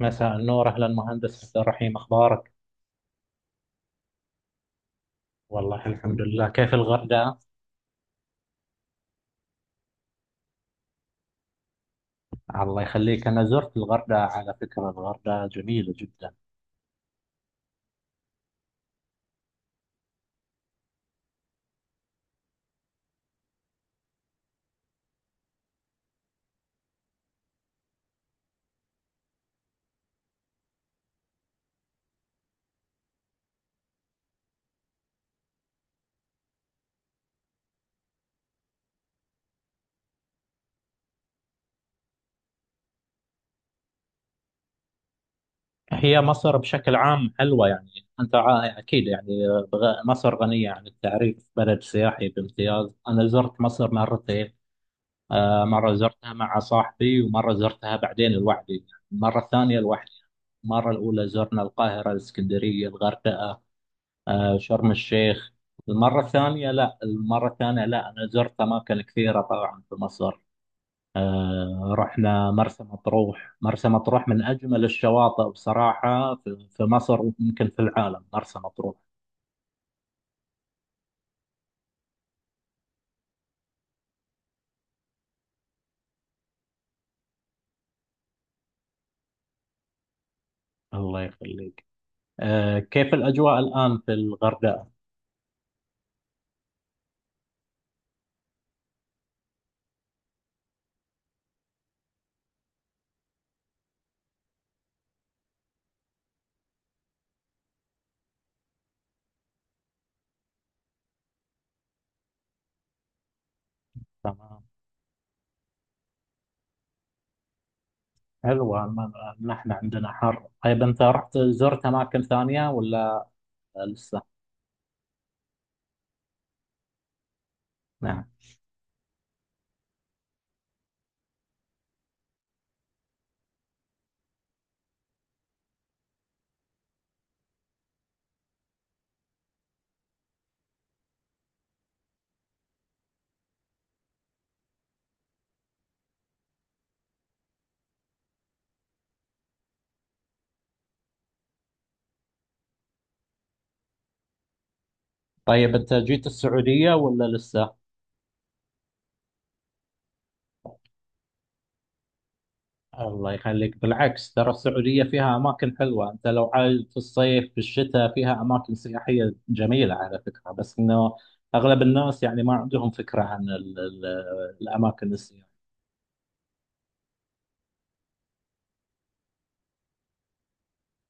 مساء النور، أهلا مهندس عبد الرحيم، أخبارك؟ والله الحمد لله. كيف الغردقة؟ الله يخليك. أنا زرت الغردقة، على فكرة الغردقة جميلة جدا. هي مصر بشكل عام حلوة يعني. أنت أكيد يعني. مصر غنية عن التعريف، بلد سياحي بامتياز. أنا زرت مصر مرتين. مرة زرتها مع صاحبي ومرة زرتها بعدين لوحدي. المرة الثانية لوحدي. المرة الأولى زرنا القاهرة، الإسكندرية، الغردقة، شرم الشيخ. المرة الثانية لا، المرة الثانية لا، أنا زرت أماكن كثيرة طبعا في مصر. رحنا مرسى مطروح، مرسى مطروح من أجمل الشواطئ بصراحة في مصر ويمكن في العالم، مرسى مطروح. الله يخليك. كيف الأجواء الآن في الغردقة؟ تمام. حلوة. نحن عندنا حر. طيب، أنت رحت زرت أماكن ثانية ولا لسه؟ نعم. طيب، أنت جيت السعودية ولا لسه؟ الله يخليك، بالعكس ترى السعودية فيها أماكن حلوة، أنت لو عايز في الصيف في الشتاء فيها أماكن سياحية جميلة على فكرة، بس إنه أغلب الناس يعني ما عندهم فكرة عن ال الأماكن السياحية.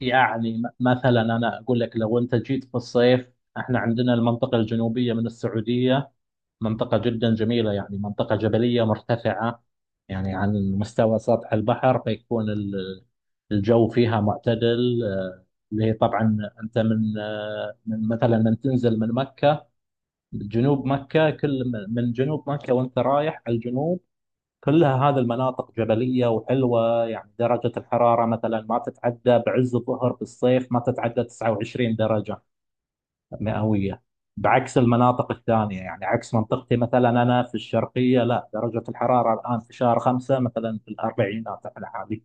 يعني مثلا أنا أقول لك لو أنت جيت في الصيف، إحنا عندنا المنطقة الجنوبية من السعودية، منطقة جدا جميلة، يعني منطقة جبلية مرتفعة، يعني عن مستوى سطح البحر فيكون الجو فيها معتدل. اللي هي طبعا، انت من مثلا من تنزل من مكه، جنوب مكه، كل من جنوب مكه وانت رايح على الجنوب، كلها هذه المناطق جبليه وحلوه، يعني درجه الحراره مثلا ما تتعدى بعز الظهر بالصيف، ما تتعدى 29 درجه مئويه. بعكس المناطق الثانيه، يعني عكس منطقتي مثلا، انا في الشرقيه، لا درجه الحراره الان في شهر خمسه مثلا في الاربعينات على حالي.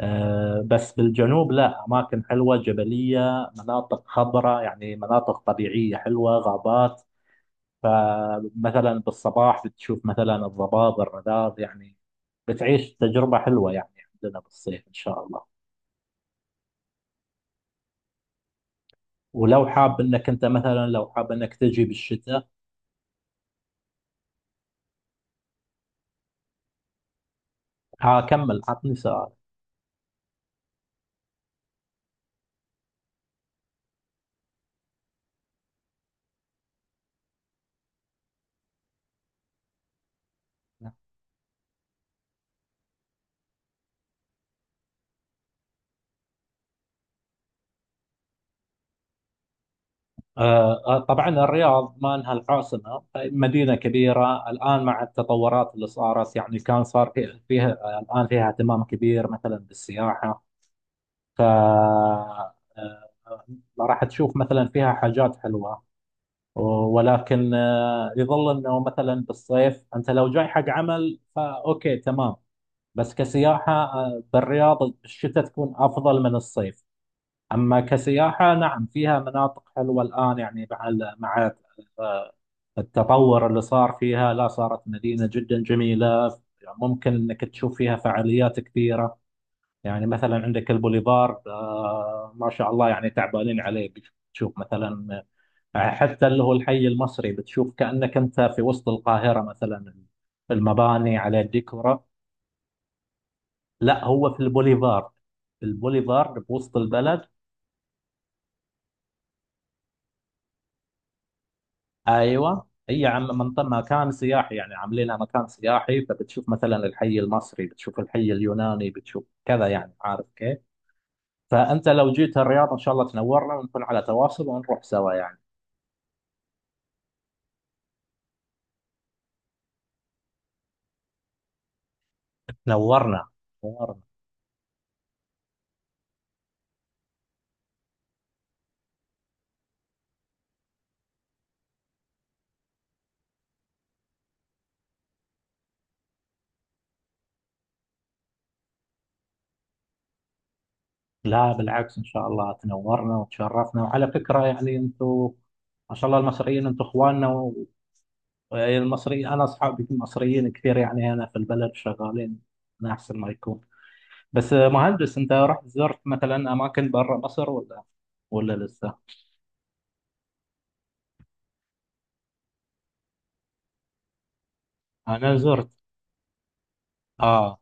بس بالجنوب لا، أماكن حلوة جبلية، مناطق خضراء، يعني مناطق طبيعية حلوة، غابات. فمثلا بالصباح بتشوف مثلا الضباب، الرذاذ، يعني بتعيش تجربة حلوة يعني. عندنا بالصيف إن شاء الله. ولو حاب إنك أنت مثلا، لو حاب إنك تجي بالشتاء. هكمل، عطني سؤال. طبعا الرياض ما انها العاصمه، مدينه كبيره الان مع التطورات اللي صارت، يعني كان صار فيها، الان فيها اهتمام كبير مثلا بالسياحه. ف راح تشوف مثلا فيها حاجات حلوه. ولكن يظل انه مثلا بالصيف انت لو جاي حق عمل فاوكي تمام، بس كسياحه بالرياض الشتاء تكون افضل من الصيف. اما كسياحه، نعم فيها مناطق حلوه الان، يعني مع التطور اللي صار فيها لا صارت مدينة جدا جميلة، يعني ممكن انك تشوف فيها فعاليات كثيرة، يعني مثلا عندك البوليفارد ما شاء الله، يعني تعبانين عليه، بتشوف مثلا حتى اللي هو الحي المصري، بتشوف كأنك انت في وسط القاهرة مثلا، المباني على الديكورة. لا، هو في البوليفارد، البوليفارد بوسط البلد. ايوه، هي عم منطقة مكان سياحي، يعني عاملينها مكان سياحي، فبتشوف مثلا الحي المصري، بتشوف الحي اليوناني، بتشوف كذا، يعني عارف كيف. فانت لو جيت الرياض ان شاء الله تنورنا، ونكون على تواصل ونروح سوا يعني. نورنا. نورنا. لا بالعكس، ان شاء الله تنورنا وتشرفنا. وعلى فكرة يعني انتم ما شاء الله، المصريين انتم اخواننا، والمصريين انا اصحابي مصريين كثير، يعني هنا في البلد شغالين من احسن ما يكون. بس مهندس، انت رحت زرت مثلا اماكن برا مصر ولا لسه؟ انا زرت. اه.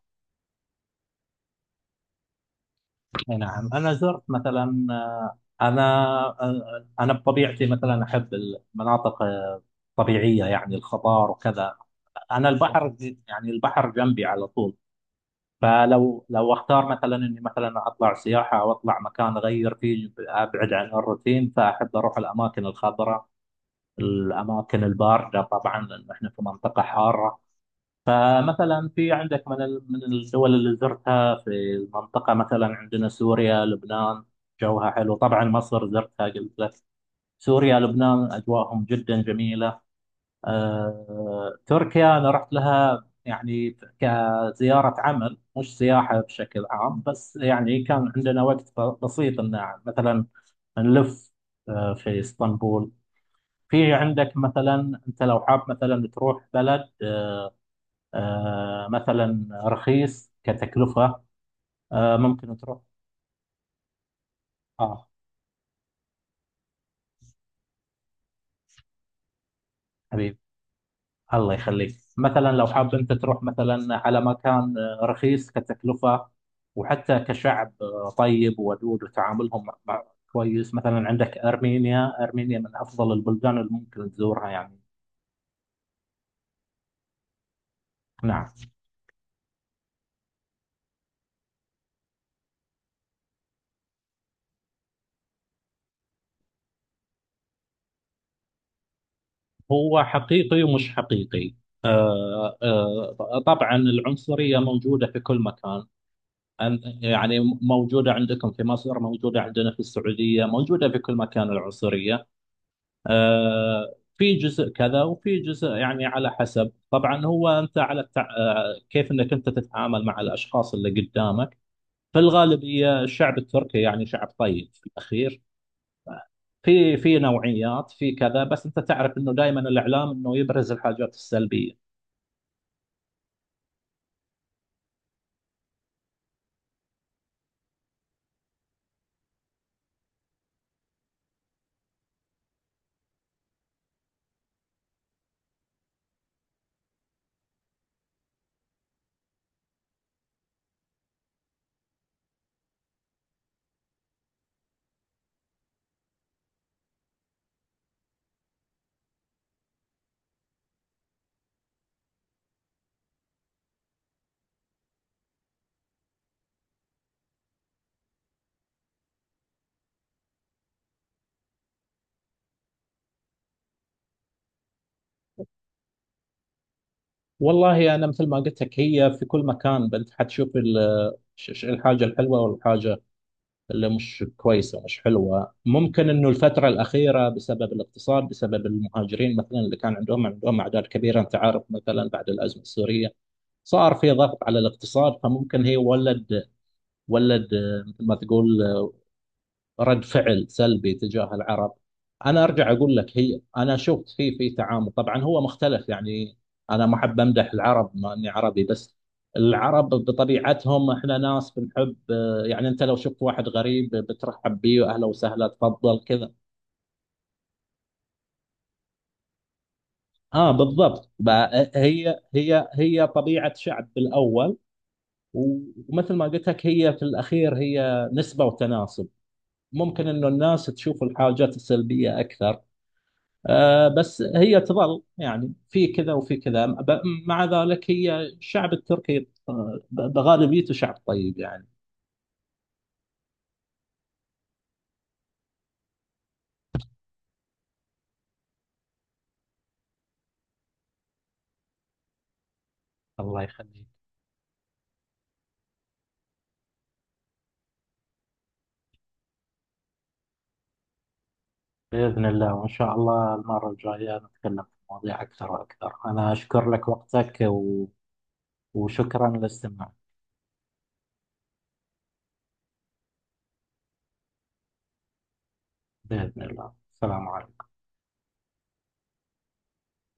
اي نعم، انا زرت مثلا، انا، انا بطبيعتي مثلا احب المناطق الطبيعيه، يعني الخضار وكذا. انا البحر، يعني البحر جنبي على طول، فلو اختار مثلا اني مثلا اطلع سياحه او اطلع مكان اغير فيه ابعد عن الروتين، فاحب اروح الاماكن الخضراء، الاماكن البارده، طبعا لان احنا في منطقه حاره. فمثلا في عندك من الدول اللي زرتها في المنطقة، مثلا عندنا سوريا، لبنان، جوها حلو، طبعا مصر زرتها قلت لك. سوريا لبنان أجواءهم جدا جميلة. تركيا أنا رحت لها، يعني كزيارة عمل مش سياحة بشكل عام، بس يعني كان عندنا وقت بسيط إن مثلا نلف في اسطنبول. في عندك مثلا أنت لو حاب مثلا تروح بلد، مثلا رخيص كتكلفة، ممكن تروح. اه، حبيبي. الله يخليك. مثلا لو حاب انت تروح مثلا على مكان رخيص كتكلفة، وحتى كشعب طيب وودود، وتعاملهم مع كويس، مثلا عندك أرمينيا. أرمينيا من أفضل البلدان اللي ممكن تزورها يعني. نعم. هو حقيقي ومش حقيقي. طبعا العنصرية موجودة في كل مكان. يعني موجودة عندكم في مصر، موجودة عندنا في السعودية، موجودة في كل مكان العنصرية. في جزء كذا وفي جزء، يعني على حسب طبعا، هو أنت على التع... آه، كيف أنك أنت تتعامل مع الأشخاص اللي قدامك. في الغالبية الشعب التركي يعني شعب طيب في الأخير، في نوعيات، في كذا، بس أنت تعرف أنه دائما الإعلام أنه يبرز الحاجات السلبية. والله أنا مثل ما قلت لك، هي في كل مكان أنت حتشوف الحاجة الحلوة والحاجة اللي مش كويسة مش حلوة. ممكن إنه الفترة الأخيرة بسبب الاقتصاد، بسبب المهاجرين مثلا، اللي كان عندهم أعداد كبيرة، أنت عارف مثلا، بعد الأزمة السورية صار في ضغط على الاقتصاد، فممكن هي ولد، مثل ما تقول، رد فعل سلبي تجاه العرب. انا ارجع اقول لك، هي انا شفت في تعامل، طبعا هو مختلف يعني، انا ما احب امدح العرب ما اني عربي، بس العرب بطبيعتهم احنا ناس بنحب، يعني انت لو شفت واحد غريب بترحب بيه، اهلا وسهلا، تفضل كذا. اه، بالضبط بقى، هي طبيعة شعب بالاول. ومثل ما قلت لك هي في الاخير هي نسبة وتناسب، ممكن انه الناس تشوف الحاجات السلبية اكثر. بس هي تظل يعني في كذا وفي كذا، مع ذلك هي الشعب التركي، بغالبيته شعب طيب يعني. الله يخليك. بإذن الله، وإن شاء الله المرة الجاية نتكلم في مواضيع أكثر وأكثر. أنا أشكر لك وقتك وشكرا للاستماع. بإذن الله، السلام عليكم.